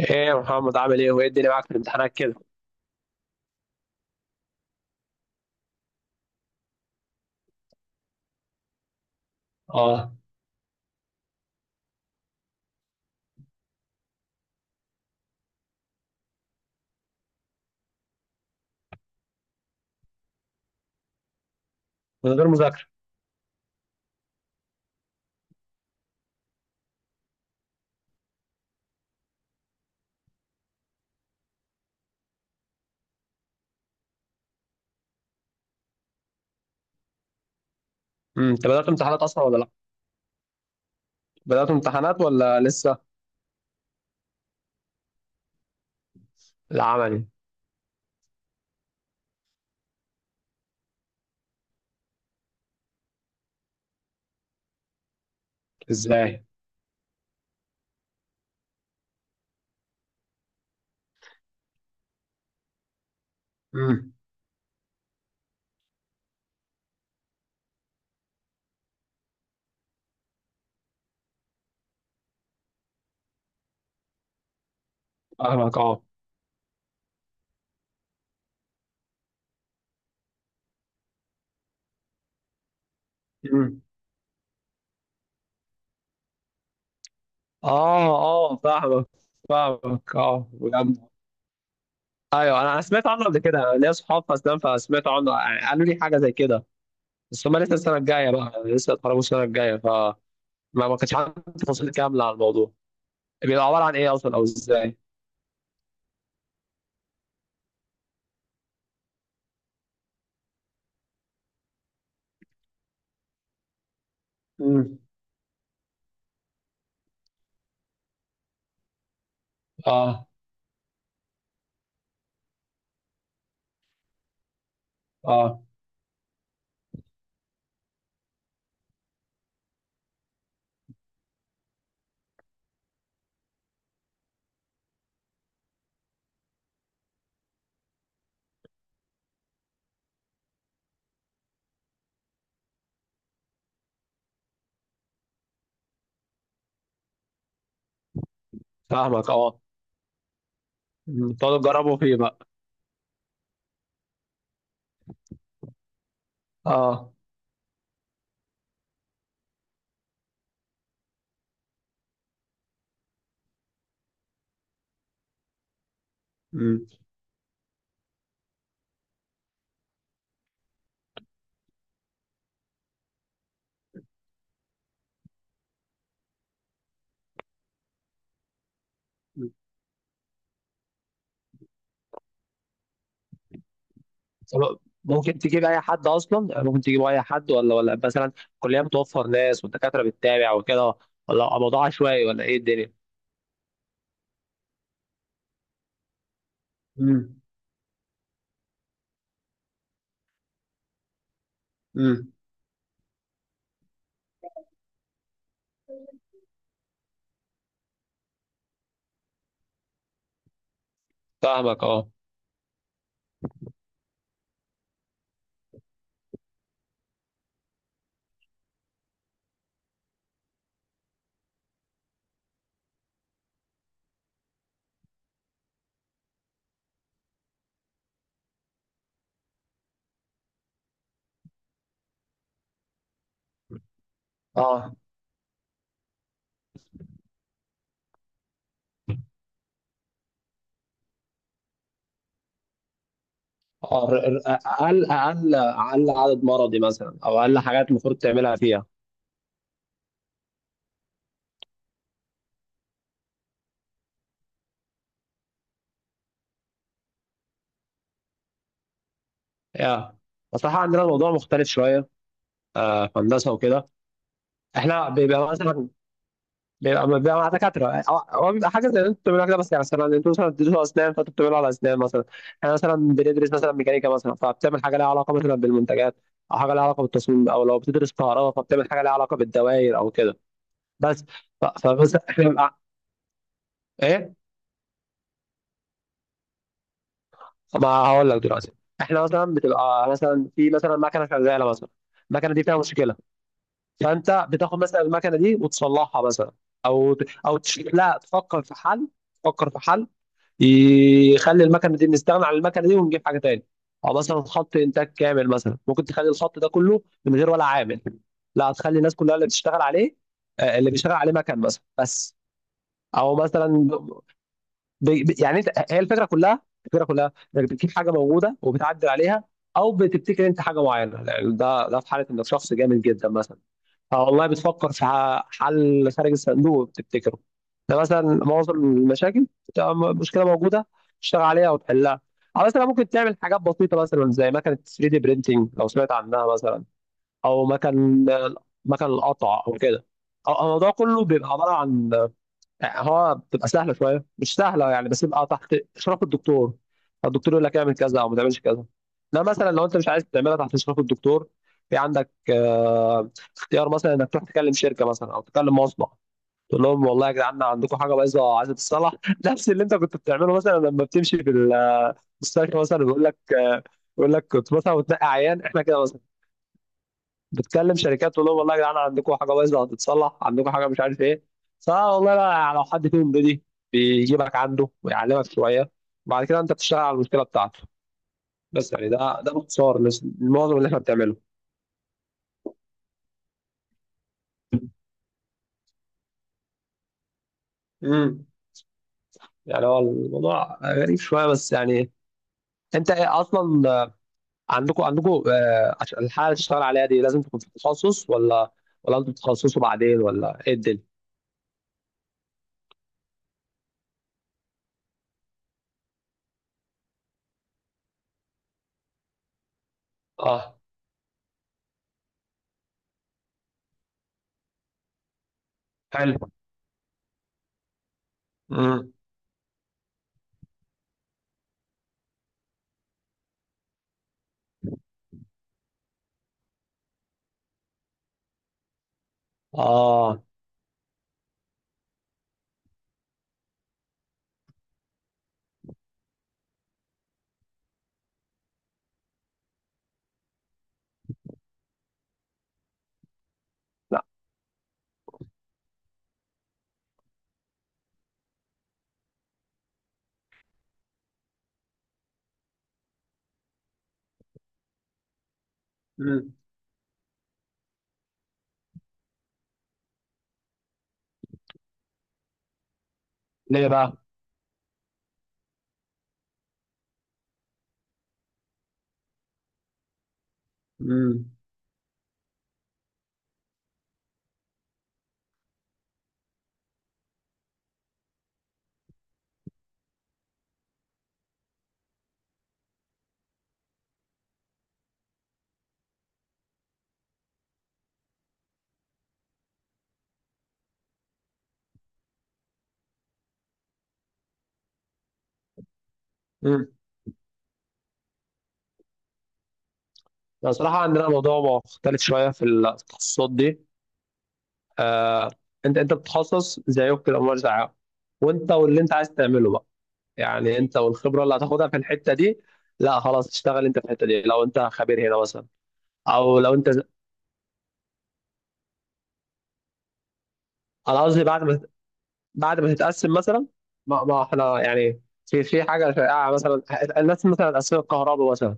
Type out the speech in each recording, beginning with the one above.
ايه يا محمد؟ عامل ايه وايه الدنيا معاك في الامتحانات كده؟ اه، من غير مذاكره؟ امم، انت بدات امتحانات اصلا ولا لا؟ بدات امتحانات ولا لسه؟ العملي؟ ازاي؟ امم. فاهمك اه. امم. اه اه فاهمك. فاهمك اه بجد. ايوه، انا سمعت عنه قبل كده، أنا ليا اصحاب في اسنان فسمعت عنه، يعني قالوا لي حاجه زي كده. بس هم لسه السنه الجايه بقى، لسه اتخرجوا السنه الجايه، فما ما كانش عندي تفاصيل كامله عن الموضوع. بيبقى عباره عن ايه اصلا او ازاي؟ امم. اه اه فاهمك. اه مم. تقعدوا تجربوا فيه بقى. اه مم. طب ممكن تجيب اي حد اصلا؟ يعني ممكن تجيب اي حد ولا مثلا الكليه بتوفر ناس والدكاتره بتتابع وكده؟ ولا موضوع عشوائي ولا ايه الدنيا؟ امم. امم. فاهمك اه. اه اه اقل عدد مرضي مثلا او اقل حاجات المفروض تعملها فيها؟ يا بصراحه عندنا الموضوع مختلف شويه، آه، في هندسه وكده. احنا بيبقى مثلا، بيبقى مع دكاترة أو- هو بيبقى حاجة زي اللي انتوا بتعملوها كده. بس يعني مثلا انتوا مثلا بتدرسوا أسنان، فانتوا بتعملوا على أسنان مثلا. احنا مثلا بندرس مثلا ميكانيكا مثلا، فبتعمل حاجة لها علاقة مثلا بالمنتجات، أو حاجة لها علاقة بالتصميم، أو لو بتدرس كهرباء فبتعمل حاجة لها علاقة بالدوائر أو كده. بس فبس احنا بنبقى إيه؟ ما هقول لك دلوقتي. احنا مثلا بتبقى مثلا في مثلا مكنة شغالة مثلا، المكنة دي فيها مشكلة. فأنت بتاخد مثلا المكنة دي وتصلحها مثلا، أو لا، تفكر في حل. تفكر في حل يخلي المكنه دي، نستغنى عن المكنه دي ونجيب حاجه تاني. او مثلا خط انتاج كامل مثلا ممكن تخلي الخط ده كله من غير ولا عامل. لا، هتخلي الناس كلها اللي بتشتغل عليه، اللي بيشتغل عليه مكن مثلا بس. او مثلا يعني انت، هي الفكره كلها، الفكره كلها انك بتجيب حاجه موجوده وبتعدل عليها، او بتبتكر انت حاجه معينه. يعني ده ده في حاله انك شخص جامد جدا مثلا، اه والله، بتفكر في حل خارج الصندوق بتبتكره. ده مثلا معظم المشاكل بتبقى مشكله موجوده تشتغل عليها وتحلها. او مثلا ممكن تعمل حاجات بسيطه مثلا زي مكنه 3 دي برينتنج لو سمعت عنها مثلا، او مكن، مكن القطع او كده. أو- الموضوع كله بيبقى عباره عن، هو بتبقى سهله شويه، مش سهله يعني، بس يبقى تحت اشراف الدكتور. الدكتور يقول لك اعمل كذا او ما تعملش كذا. ده مثلا لو انت مش عايز تعملها تحت اشراف الدكتور، في عندك اختيار مثلا انك تروح تكلم شركه مثلا او تكلم مصنع، تقول لهم والله يا جدعان عندكم حاجه بايظه عايزه تتصلح. نفس اللي انت كنت بتعمله مثلا لما بتمشي في المستشفى مثلا، بيقول لك يقول لك كنت مثلا وتنقي عيان احنا كده. بتكلم شركات تقول لهم والله يا جدعان عندكم حاجه بايظه هتتصلح، عندكم حاجه مش عارف ايه. فوالله بقى يعني لو حد فيهم بيجي، بيجيبك عنده ويعلمك شويه، وبعد كده انت بتشتغل على المشكله بتاعته. بس يعني ده ده باختصار معظم اللي احنا بنعمله. امم. يعني هو الموضوع غريب شويه بس يعني، انت ايه اصلا، عندكم، عندكم عشان الحاله اللي تشتغل عليها دي لازم تكون في تخصص، ولا ولا انتوا بتتخصصوا بعدين ولا ايه الدنيا؟ اه. حلو. امم. اه. لا. امم. ليه بقى؟ امم. امم. بصراحه عندنا موضوع مختلف شويه في التخصصات دي، آه. انت، انت بتتخصص زي كده امور زيها، وانت واللي انت عايز تعمله بقى. يعني انت والخبره اللي هتاخدها في الحته دي، لا خلاص تشتغل انت في الحته دي لو انت خبير هنا مثلا، او لو انت، انا قصدي بعد ما، بعد ما تتقسم مثلا. ما احنا يعني في حاجه شائعه مثلا، الناس مثلا اتقسمت كهرباء مثلا،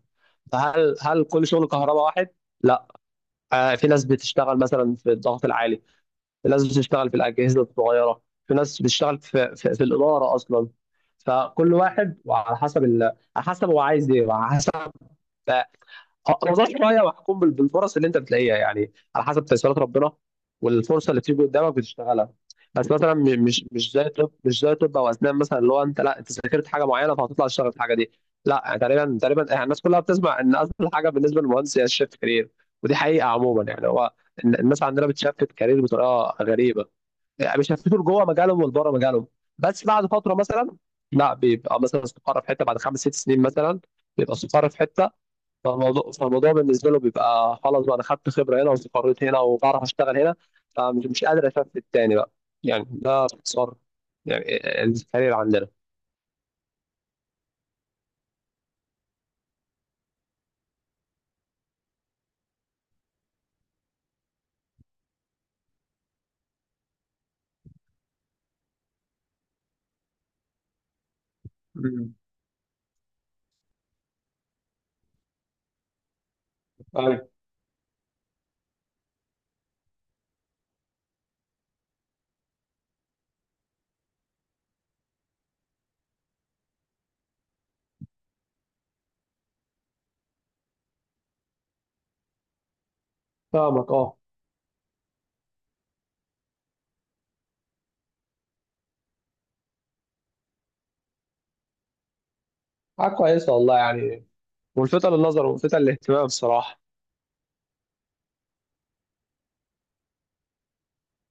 فهل كل شغل كهرباء واحد؟ لا. آه، في ناس بتشتغل مثلا في الضغط العالي، في ناس بتشتغل في الأجهزة الصغيرة، في ناس بتشتغل في الإدارة أصلا. فكل واحد وعلى حسب ال... على حسب هو عايز إيه، وعلى حسب آه، نظرت شوية، وأحكم بالفرص اللي أنت بتلاقيها، يعني على حسب تيسيرات ربنا والفرصة اللي بتيجي قدامك بتشتغلها. بس مثلا مش زي طب، مش زي طب أو أسنان مثلا، اللي هو أنت لا أنت ذاكرت حاجة معينة فهتطلع تشتغل في الحاجة دي. لا يعني تقريبا، تقريبا يعني الناس كلها بتسمع إن أسهل حاجة بالنسبة للمهندس هي الشيفت كارير. ودي حقيقة عموما يعني هو، الناس عندنا بتشفت كارير بطريقة غريبة، يعني بيشفطوا لجوه مجالهم ولبره مجالهم. بس بعد فتره مثلا، لا بيبقى مثلا استقر في حته بعد 5 6 سنين مثلا، بيبقى استقر في حته. فالموضوع بالنسبه له بيبقى خلاص بقى انا خدت خبره هنا واستقريت هنا وبعرف اشتغل هنا، فمش مش قادر اشفت تاني بقى. يعني ده باختصار يعني الكارير عندنا. امم. أيوة. فاهمك اه. حاجه كويسه والله يعني، ملفته للنظر وملفته للاهتمام بصراحه.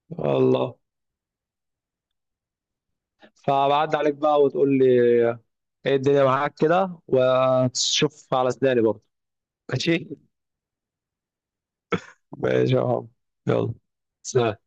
والله، فبعد عليك بقى وتقول لي ايه الدنيا معاك كده، وتشوف على سناني برضه. ماشي. ماشي يا عم. يلا، سلام.